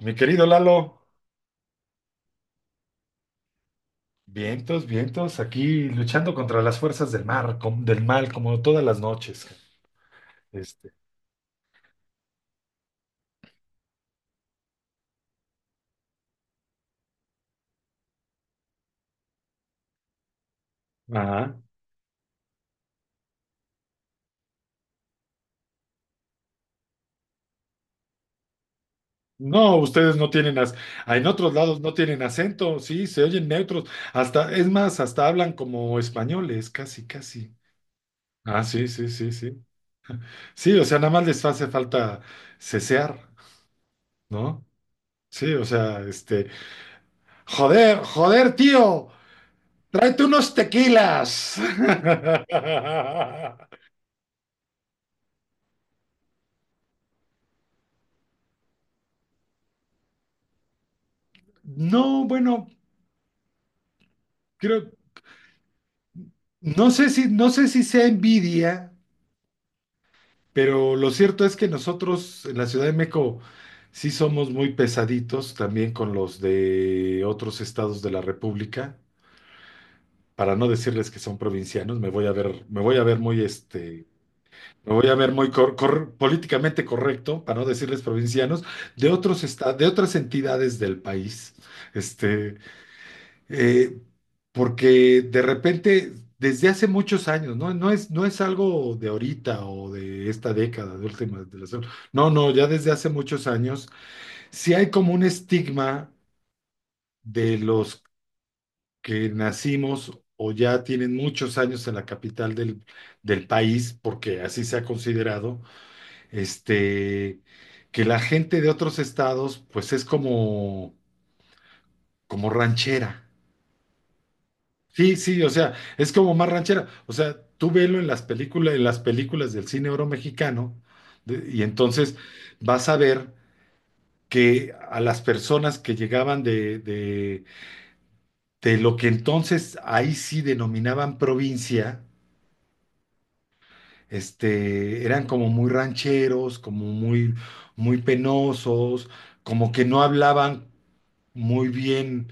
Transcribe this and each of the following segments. Mi querido Lalo, vientos, vientos, aquí luchando contra las fuerzas del mar, del mal, como todas las noches. Este, ajá. No, ustedes no tienen, en otros lados no tienen acento, sí, se oyen neutros, hasta, es más, hasta hablan como españoles, casi, casi. Ah, sí, sí, sí, sí. Sí, o sea, nada más les hace falta cesear, ¿no? Sí, o sea, joder, joder, tío, tráete unos tequilas. No, bueno, creo, no sé si sea envidia, pero lo cierto es que nosotros en la Ciudad de México sí somos muy pesaditos también con los de otros estados de la República. Para no decirles que son provincianos, me voy a ver, me voy a ver muy políticamente correcto, para no decirles provincianos, de otras entidades del país. Este, Eh, porque de repente, desde hace muchos años, ¿no? No es algo de ahorita o de esta década, de última, no, no, ya desde hace muchos años, sí hay como un estigma de los que nacimos o ya tienen muchos años en la capital del país, porque así se ha considerado, este, que la gente de otros estados, pues es como, ranchera. Sí, sí, o sea, es como más ranchera. O sea, tú velo en las películas del cine oro mexicano, y entonces vas a ver que a las personas que llegaban de lo que entonces ahí sí denominaban provincia, eran como muy rancheros, como muy, muy penosos, como que no hablaban muy bien.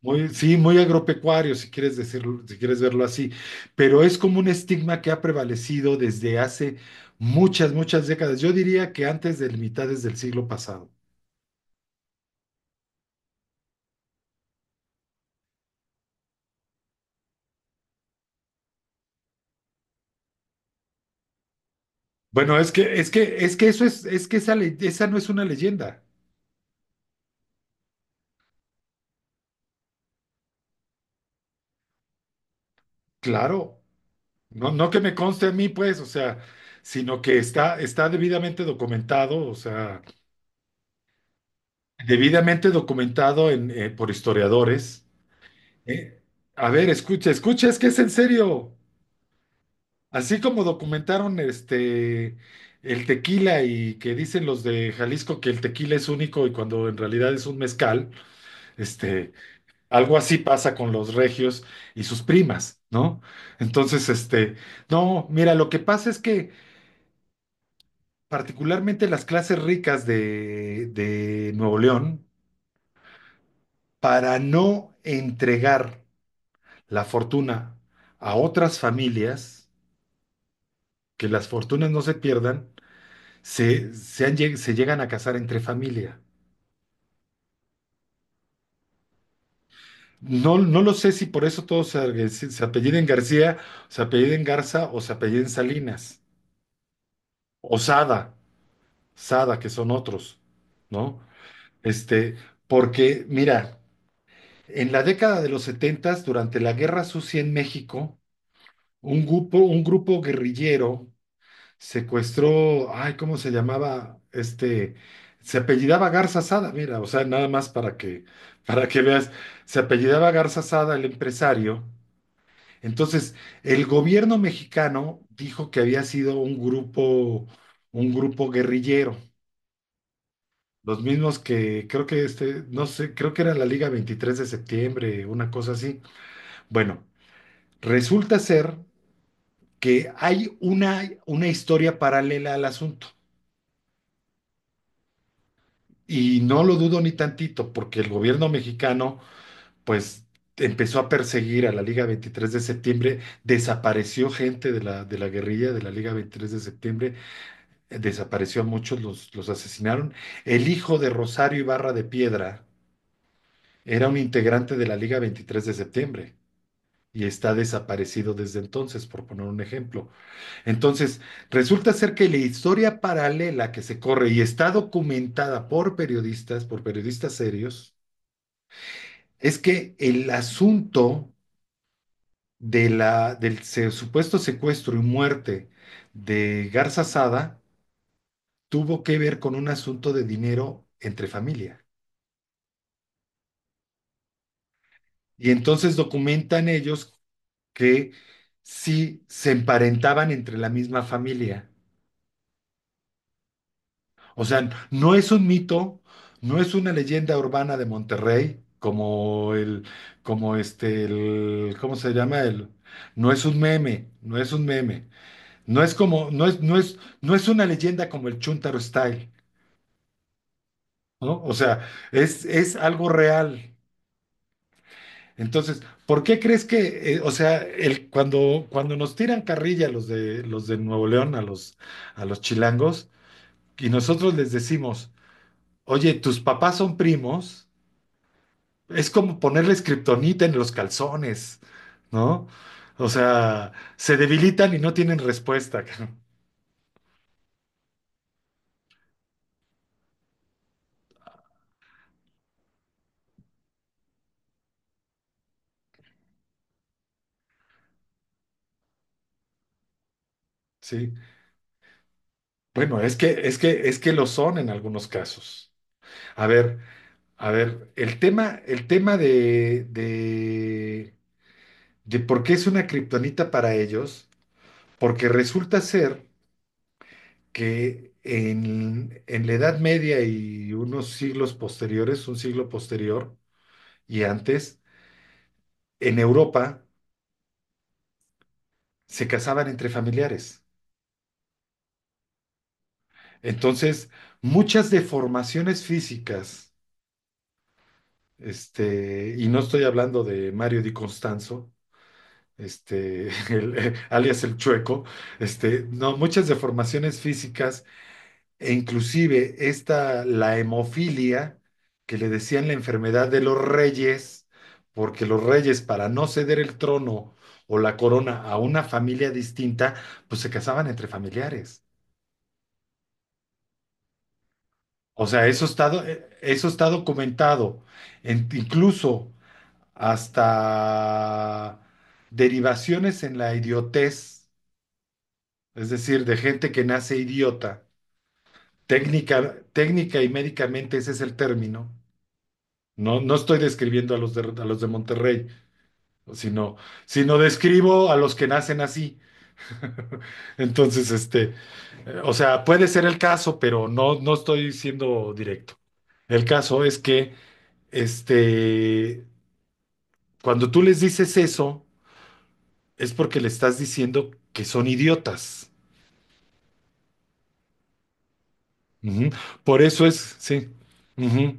Muy, sí, muy agropecuario, si quieres decirlo, si quieres verlo así, pero es como un estigma que ha prevalecido desde hace muchas, muchas décadas. Yo diría que antes de mitades del siglo pasado. Bueno, es que esa, esa no es una leyenda. Claro, no, no que me conste a mí, pues, o sea, sino que está debidamente documentado, o sea, debidamente documentado por historiadores. Eh, A ver, escucha, escucha, es que es en serio. Así como documentaron el tequila y que dicen los de Jalisco que el tequila es único y cuando en realidad es un mezcal, este, algo así pasa con los regios y sus primas, ¿no? Entonces, no, mira, lo que pasa es que particularmente las clases ricas de Nuevo León, para no entregar la fortuna a otras familias, que las fortunas no se pierdan, se llegan a casar entre familia. No, no lo sé si por eso todos se, apelliden García, se apelliden Garza o se apelliden Salinas, o Sada, Sada, que son otros, ¿no? Este, porque, mira, en la década de los setentas, durante la Guerra Sucia en México, un grupo guerrillero secuestró, ay, ¿cómo se llamaba? Se apellidaba Garza Sada, mira, o sea, nada más para que, para que veas, se apellidaba Garza Sada, el empresario. Entonces, el gobierno mexicano dijo que había sido un grupo guerrillero, los mismos que creo que no sé, creo que era la Liga 23 de septiembre, una cosa así. Bueno, resulta ser que hay una historia paralela al asunto. Y no lo dudo ni tantito, porque el gobierno mexicano, pues, empezó a perseguir a la Liga 23 de septiembre, desapareció gente de la, guerrilla de la Liga 23 de septiembre, desapareció a muchos, los asesinaron. El hijo de Rosario Ibarra de Piedra era un integrante de la Liga 23 de septiembre. Y está desaparecido desde entonces, por poner un ejemplo. Entonces, resulta ser que la historia paralela que se corre y está documentada por periodistas serios, es que el asunto de la, supuesto secuestro y muerte de Garza Sada tuvo que ver con un asunto de dinero entre familia. Y entonces documentan ellos que sí se emparentaban entre la misma familia. O sea, no es un mito, no es una leyenda urbana de Monterrey, como el, el, ¿cómo se llama? El, no es un meme. No es una leyenda como el Chuntaro Style, ¿no? O sea, es algo real. Entonces, ¿por qué crees que, o sea, cuando nos tiran carrilla los de Nuevo León a los chilangos y nosotros les decimos, oye, tus papás son primos, es como ponerles kriptonita en los calzones, ¿no? O sea, se debilitan y no tienen respuesta, ¿sí? Bueno, es que lo son en algunos casos. A ver, a ver, el tema de, por qué es una kriptonita para ellos, porque resulta ser que en la Edad Media y unos siglos posteriores, un siglo posterior y antes, en Europa se casaban entre familiares. Entonces, muchas deformaciones físicas, y no estoy hablando de Mario Di Constanzo, alias el chueco, no, muchas deformaciones físicas e inclusive esta, la hemofilia, que le decían la enfermedad de los reyes, porque los reyes para no ceder el trono o la corona a una familia distinta, pues se casaban entre familiares. O sea, eso está documentado, incluso hasta derivaciones en la idiotez, es decir, de gente que nace idiota. Técnica, técnica y médicamente ese es el término. No, no estoy describiendo a los de, Monterrey, sino, sino describo a los que nacen así. Entonces, o sea, puede ser el caso, pero no, no estoy siendo directo. El caso es que, este, cuando tú les dices eso, es porque le estás diciendo que son idiotas. Ujú. Por eso es, sí. Ujú.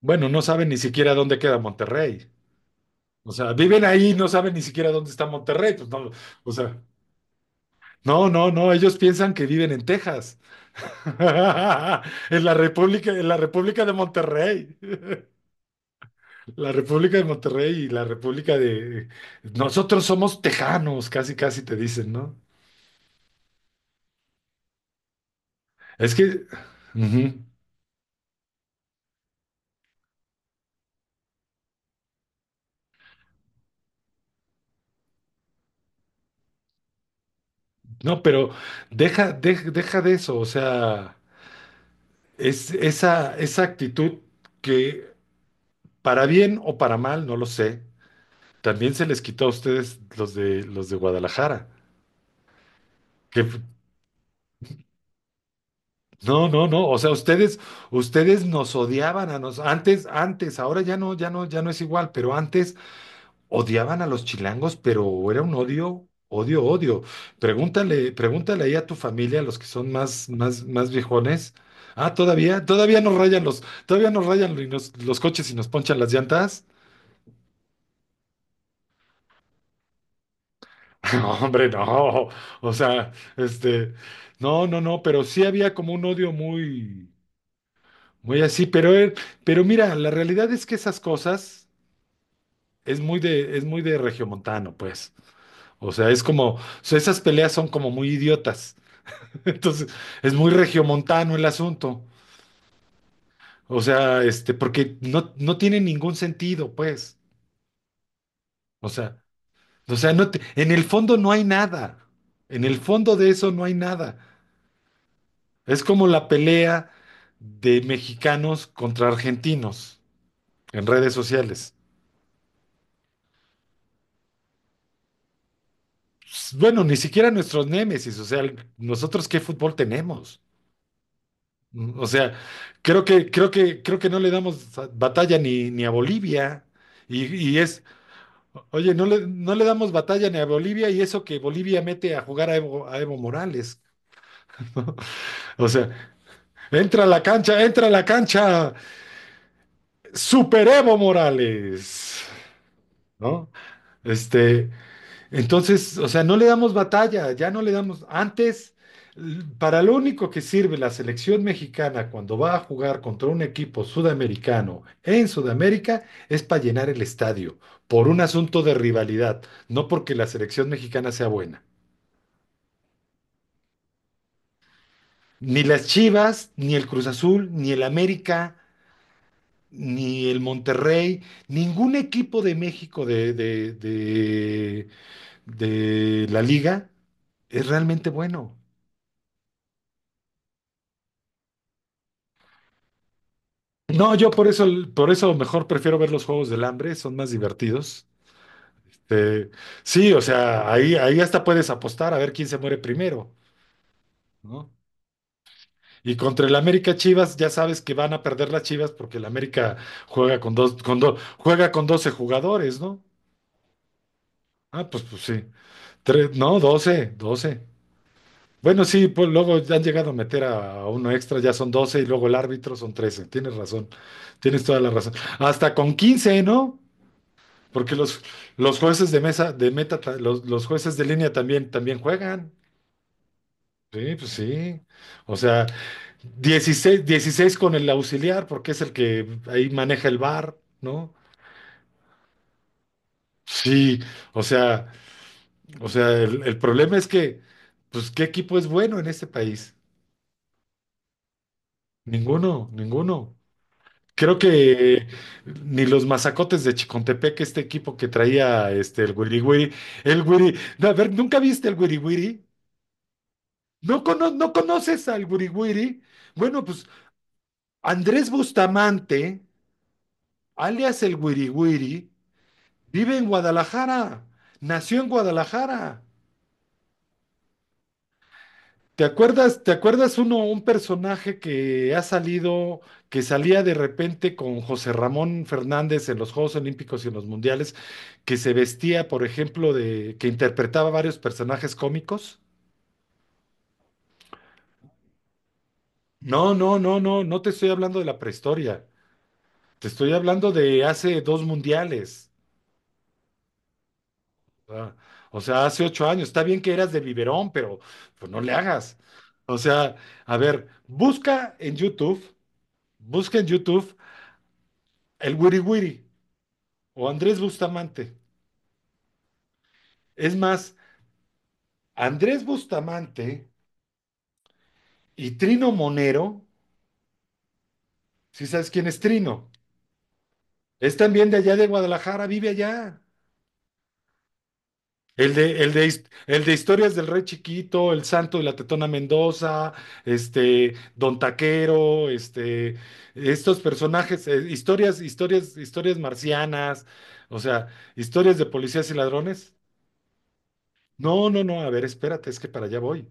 Bueno, no saben ni siquiera dónde queda Monterrey. O sea, viven ahí, y no saben ni siquiera dónde está Monterrey. Pues no, o sea, no, no, no, ellos piensan que viven en Texas. en la República, de Monterrey. La República de Monterrey y la República de... Nosotros somos tejanos, casi, casi te dicen, ¿no? Es que... ujú. No, pero deja, deja, deja de eso, o sea, es esa actitud que para bien o para mal, no lo sé. También se les quitó a ustedes los de Guadalajara. Que f- no, no, no. O sea, ustedes nos odiaban a nos. Antes, antes, ahora ya no, ya no, ya no es igual, pero antes odiaban a los chilangos, pero era un odio, odio, odio. Pregúntale, pregúntale ahí a tu familia, los que son más, más, más viejones. Ah, todavía, todavía nos rayan los coches y nos ponchan las llantas. No, hombre, no. O sea, este, no, no, no, pero sí había como un odio muy, muy así, pero, pero mira, la realidad es que esas cosas es muy de regiomontano, pues. O sea, o sea, esas peleas son como muy idiotas. Entonces, es muy regiomontano el asunto. O sea, porque no tiene ningún sentido, pues. O sea, no te- en el fondo no hay nada. En el fondo de eso no hay nada. Es como la pelea de mexicanos contra argentinos en redes sociales. Bueno, ni siquiera nuestros némesis, o sea, nosotros qué fútbol tenemos. O sea, creo que no le damos batalla ni a Bolivia. Y, y es, oye, no le damos batalla ni a Bolivia y eso que Bolivia mete a jugar a Evo Morales. O sea, entra a la cancha, entra a la cancha, Super Evo Morales, ¿no? Este, entonces, o sea, no le damos batalla, ya no le damos. Antes, para lo único que sirve la selección mexicana cuando va a jugar contra un equipo sudamericano en Sudamérica es para llenar el estadio, por un asunto de rivalidad, no porque la selección mexicana sea buena. Ni las Chivas, ni el Cruz Azul, ni el América, ni el Monterrey, ningún equipo de México de, de la liga es realmente bueno. No, yo por eso, mejor prefiero ver los juegos del hambre, son más divertidos. Este, sí, o sea, ahí hasta puedes apostar a ver quién se muere primero, ¿no? Y contra el América Chivas, ya sabes que van a perder las Chivas porque el América juega con dos, juega con 12 jugadores, ¿no? Ah, pues sí. Tres, no, doce. Bueno, sí, pues luego ya han llegado a meter a uno extra, ya son 12 y luego el árbitro son 13. Tienes razón, tienes toda la razón. Hasta con 15, ¿no? Porque los, jueces de mesa, de meta, los, jueces de línea también juegan. Sí, pues sí. O sea, dieciséis con el auxiliar, porque es el que ahí maneja el bar, ¿no? Sí, o sea, el problema es que, pues, ¿qué equipo es bueno en este país? Ninguno, ninguno. Creo que ni los mazacotes de Chicontepec, este equipo que traía el Wiri Wiri, el Wiri, no, a ver, ¿nunca viste el Wiri Wiri? ¿No, no conoces al Wiriwiri? Bueno, pues Andrés Bustamante, alias el Wiriwiri, vive en Guadalajara, nació en Guadalajara. ¿Te acuerdas uno, un personaje que ha salido, que salía de repente con José Ramón Fernández en los Juegos Olímpicos y en los Mundiales, que se vestía, por ejemplo, que interpretaba varios personajes cómicos. No, no, no, no, no te estoy hablando de la prehistoria, te estoy hablando de hace dos mundiales. Ah, o sea, hace 8 años, está bien que eras de biberón, pero pues no le hagas. O sea, a ver, busca en YouTube el Wiri Wiri o Andrés Bustamante. Es más, Andrés Bustamante y Trino Monero, si sabes quién es Trino, es también de allá de Guadalajara, vive allá. El de Historias del Rey Chiquito, El Santo y la Tetona Mendoza, Don Taquero, estos personajes, historias, marcianas, o sea, historias de policías y ladrones. No, no, no, a ver, espérate, es que para allá voy.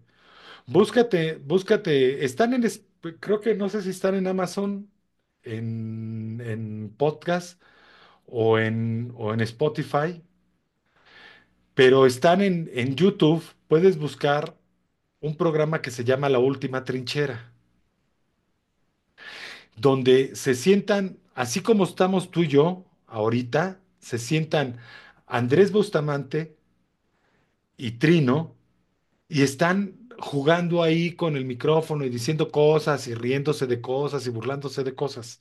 Búscate, búscate, creo que no sé si están en Amazon, en podcast o en Spotify, pero están en, YouTube, puedes buscar un programa que se llama La Última Trinchera, donde se sientan, así como estamos tú y yo ahorita, se sientan Andrés Bustamante y Trino y están jugando ahí con el micrófono y diciendo cosas y riéndose de cosas y burlándose de cosas.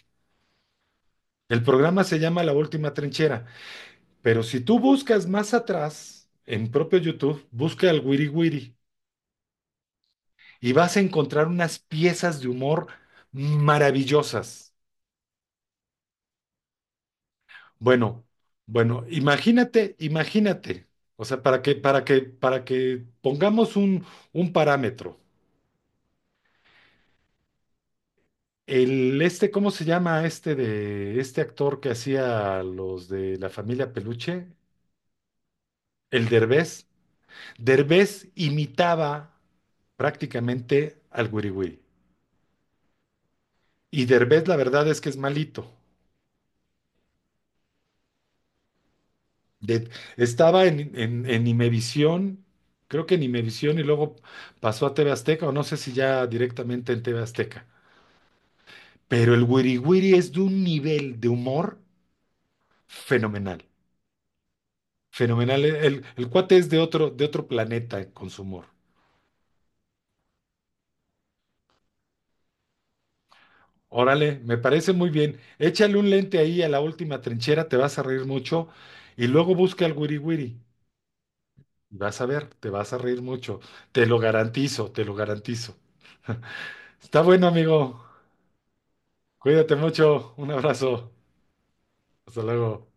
El programa se llama La Última Trinchera, pero si tú buscas más atrás, en propio YouTube, busca el Wiri Wiri y vas a encontrar unas piezas de humor maravillosas. Bueno, bueno, imagínate, imagínate, o sea, para que, pongamos un parámetro. ¿Cómo se llama este de este actor que hacía los de la familia Peluche? El Derbez. Derbez imitaba prácticamente al Wiriwiri. Y Derbez, la verdad es que es malito. De- estaba en, Imevisión, creo que en Imevisión y luego pasó a TV Azteca, o no sé si ya directamente en TV Azteca. Pero el Wiri Wiri es de un nivel de humor fenomenal. Fenomenal. El cuate es de otro planeta con su humor. Órale, me parece muy bien. Échale un lente ahí a la última trinchera, te vas a reír mucho. Y luego busca al Wiri Wiri y vas a ver, te vas a reír mucho. Te lo garantizo, te lo garantizo. Está bueno, amigo. Cuídate mucho, un abrazo, hasta luego.